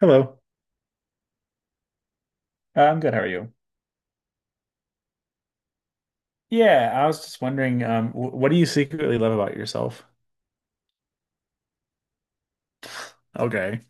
Hello. I'm good. How are you? Yeah, I was just wondering, what do you secretly love about yourself? Okay.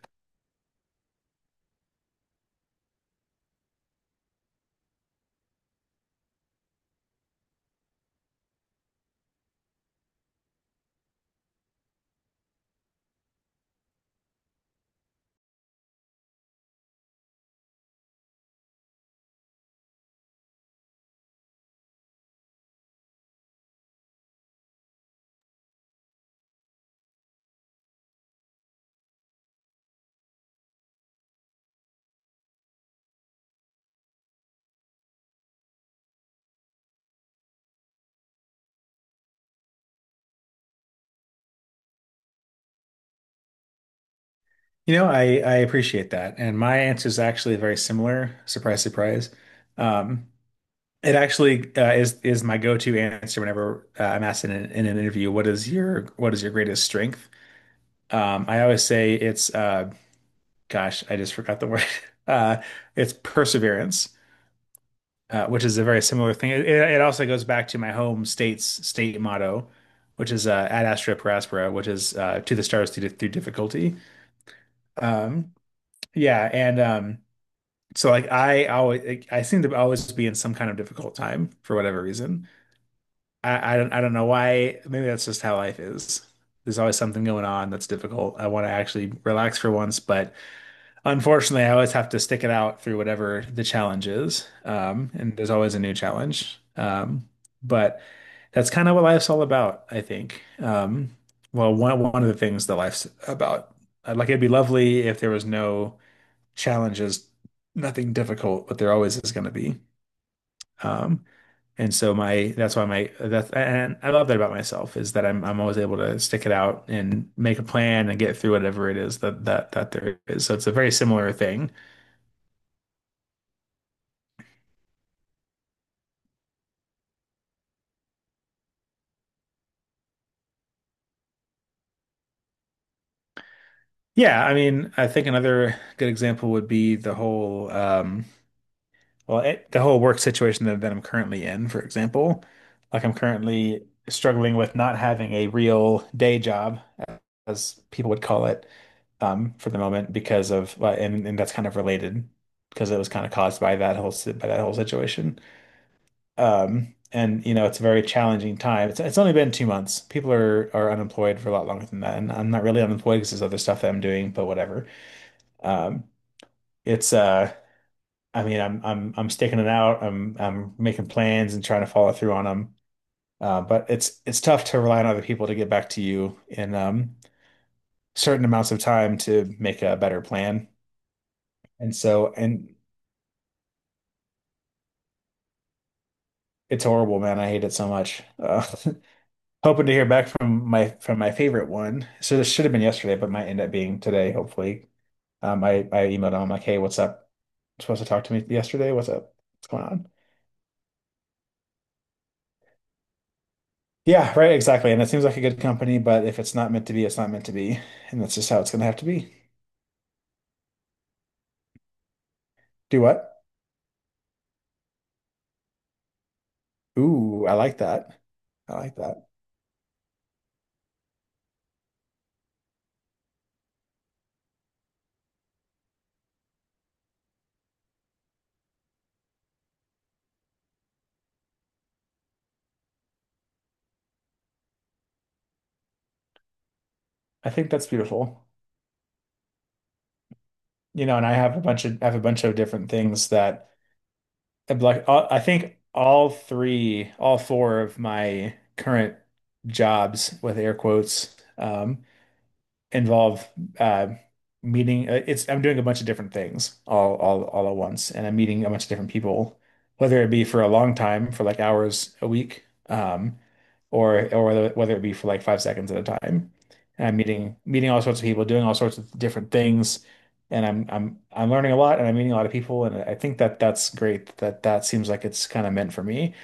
You know, I appreciate that, and my answer is actually very similar. Surprise, surprise. Um, it actually is my go-to answer whenever I'm asked in an interview, what is your greatest strength?" I always say it's gosh, I just forgot the word. Uh, it's perseverance. Uh, which is a very similar thing. It also goes back to my home state's state motto, which is ad astra per aspera, which is to the stars through difficulty. Um, yeah, and so like I always like, I seem to always be in some kind of difficult time for whatever reason. I don't know why. Maybe that's just how life is. There's always something going on that's difficult. I want to actually relax for once, but unfortunately, I always have to stick it out through whatever the challenge is. And there's always a new challenge. But that's kind of what life's all about, I think. Well, one of the things that life's about. Like it'd be lovely if there was no challenges, nothing difficult, but there always is going to be. Um, and so my that's why my that's and I love that about myself is that I'm always able to stick it out and make a plan and get through whatever it is that there is. So it's a very similar thing. Yeah, I mean, I think another good example would be the whole, well, it, the whole work situation that I'm currently in, for example. Like I'm currently struggling with not having a real day job, as people would call it, for the moment because of, and that's kind of related because it was kind of caused by that by that whole situation. It's a very challenging time. It's only been 2 months. People are unemployed for a lot longer than that. And I'm not really unemployed because there's other stuff that I'm doing, but whatever. Um, it's I mean I'm sticking it out. I'm making plans and trying to follow through on them. But it's tough to rely on other people to get back to you in certain amounts of time to make a better plan. And so and It's horrible, man. I hate it so much. Hoping to hear back from my favorite one. So this should have been yesterday, but might end up being today, hopefully. I emailed him like, hey, what's up? Supposed to talk to me yesterday? What's up? What's going on? Yeah, right, exactly. And it seems like a good company, but if it's not meant to be, it's not meant to be. And that's just how it's gonna have to be. Do what? Ooh, I like that. I like that. I think that's beautiful. You know, and I have a bunch of different things that I think all four of my current jobs with air quotes, involve uh, meeting. It's I'm doing a bunch of different things all at once, and I'm meeting a bunch of different people, whether it be for a long time, for like hours a week, or whether it be for like 5 seconds at a time. And I'm meeting all sorts of people, doing all sorts of different things, and I'm learning a lot, and I'm meeting a lot of people, and I think that that's great. That that seems like it's kind of meant for me.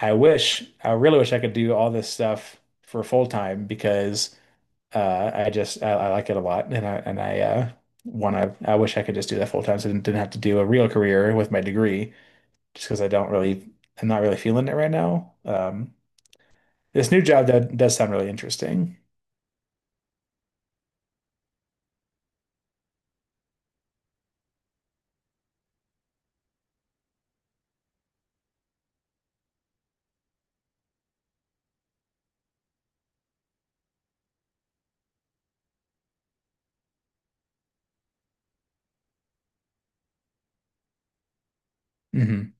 I wish, I really wish I could do all this stuff for full time because. I like it a lot, and I want to. I wish I could just do that full time, so I didn't have to do a real career with my degree, just because I'm not really feeling it right now. This new job that does sound really interesting. Mhm.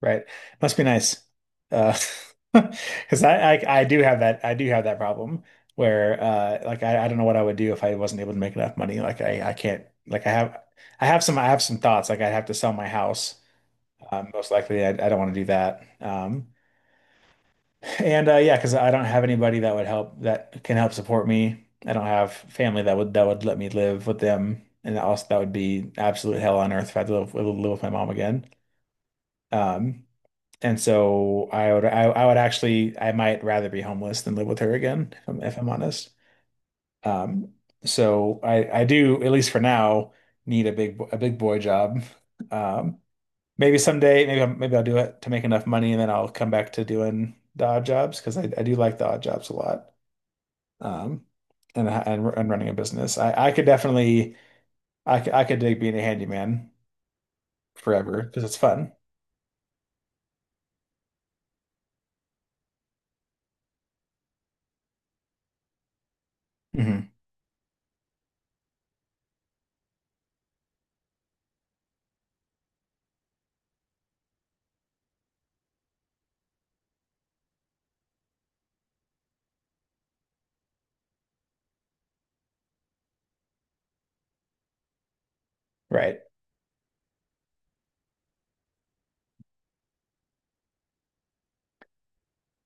Right. Must be nice. Uh, because I do have that problem where I don't know what I would do if I wasn't able to make enough money. Like I can't like I have I have some thoughts like I'd have to sell my house. Most likely I don't want to do that. And yeah, because I don't have anybody that would help that can help support me. I don't have family that would let me live with them, and also that would be absolute hell on earth if I had to live with my mom again. Um, and so I would I would actually I might rather be homeless than live with her again, if I'm honest. Um, so I do at least for now need a a big boy job. Um, maybe someday maybe I'll do it to make enough money and then I'll come back to doing the odd jobs because I do like the odd jobs a lot. Um, and running a business, I could definitely I could dig being a handyman forever because it's fun. Hmm. Right.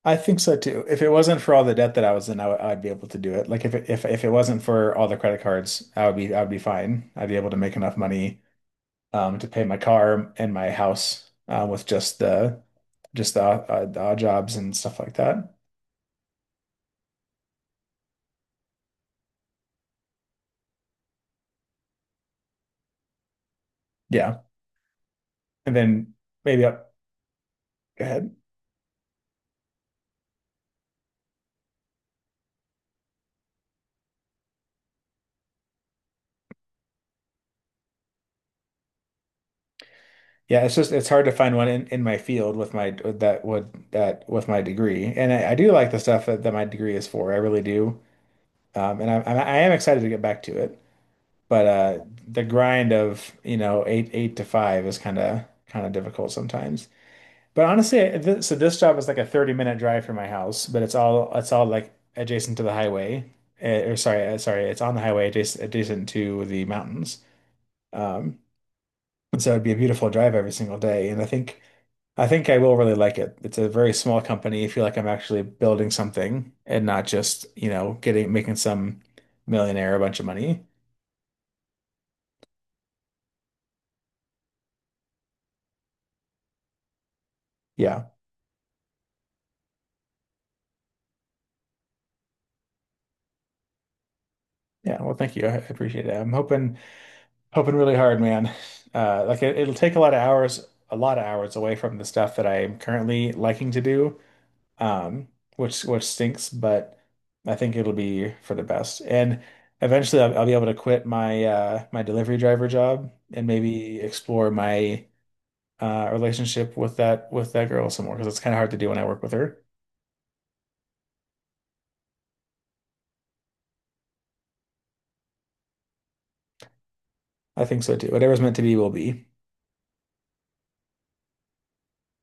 I think so too. If it wasn't for all the debt that I was in, I'd be able to do it. Like if it wasn't for all the credit cards, I would be fine. I'd be able to make enough money to pay my car and my house with just the the odd jobs and stuff like that. Yeah, and then maybe up. Go ahead. Yeah, it's just it's hard to find one in my field with my with that would that with my degree, and I do like the stuff that my degree is for. I really do, and I am excited to get back to it. But the grind of you know eight to five is kind of difficult sometimes. But honestly, I- th so this job is like a 30-minute drive from my house, but it's all like adjacent to the highway. Eh, or sorry sorry it's on the highway adjacent to the mountains. Um, and so it'd be a beautiful drive every single day, and I think. I think I will really like it. It's a very small company. I feel like I'm actually building something and not just, you know, getting making some millionaire a bunch of money. Yeah. Yeah. Well, thank you. I appreciate it. I'm hoping really hard, man. Like it'll take a lot of hours, a lot of hours away from the stuff that I am currently liking to do. Um, which stinks, but I think it'll be for the best. And eventually, I'll be able to quit my my delivery driver job and maybe explore my relationship with that girl some more because it's kind of hard to do when I work with her. I think so too. Whatever's meant to be will be.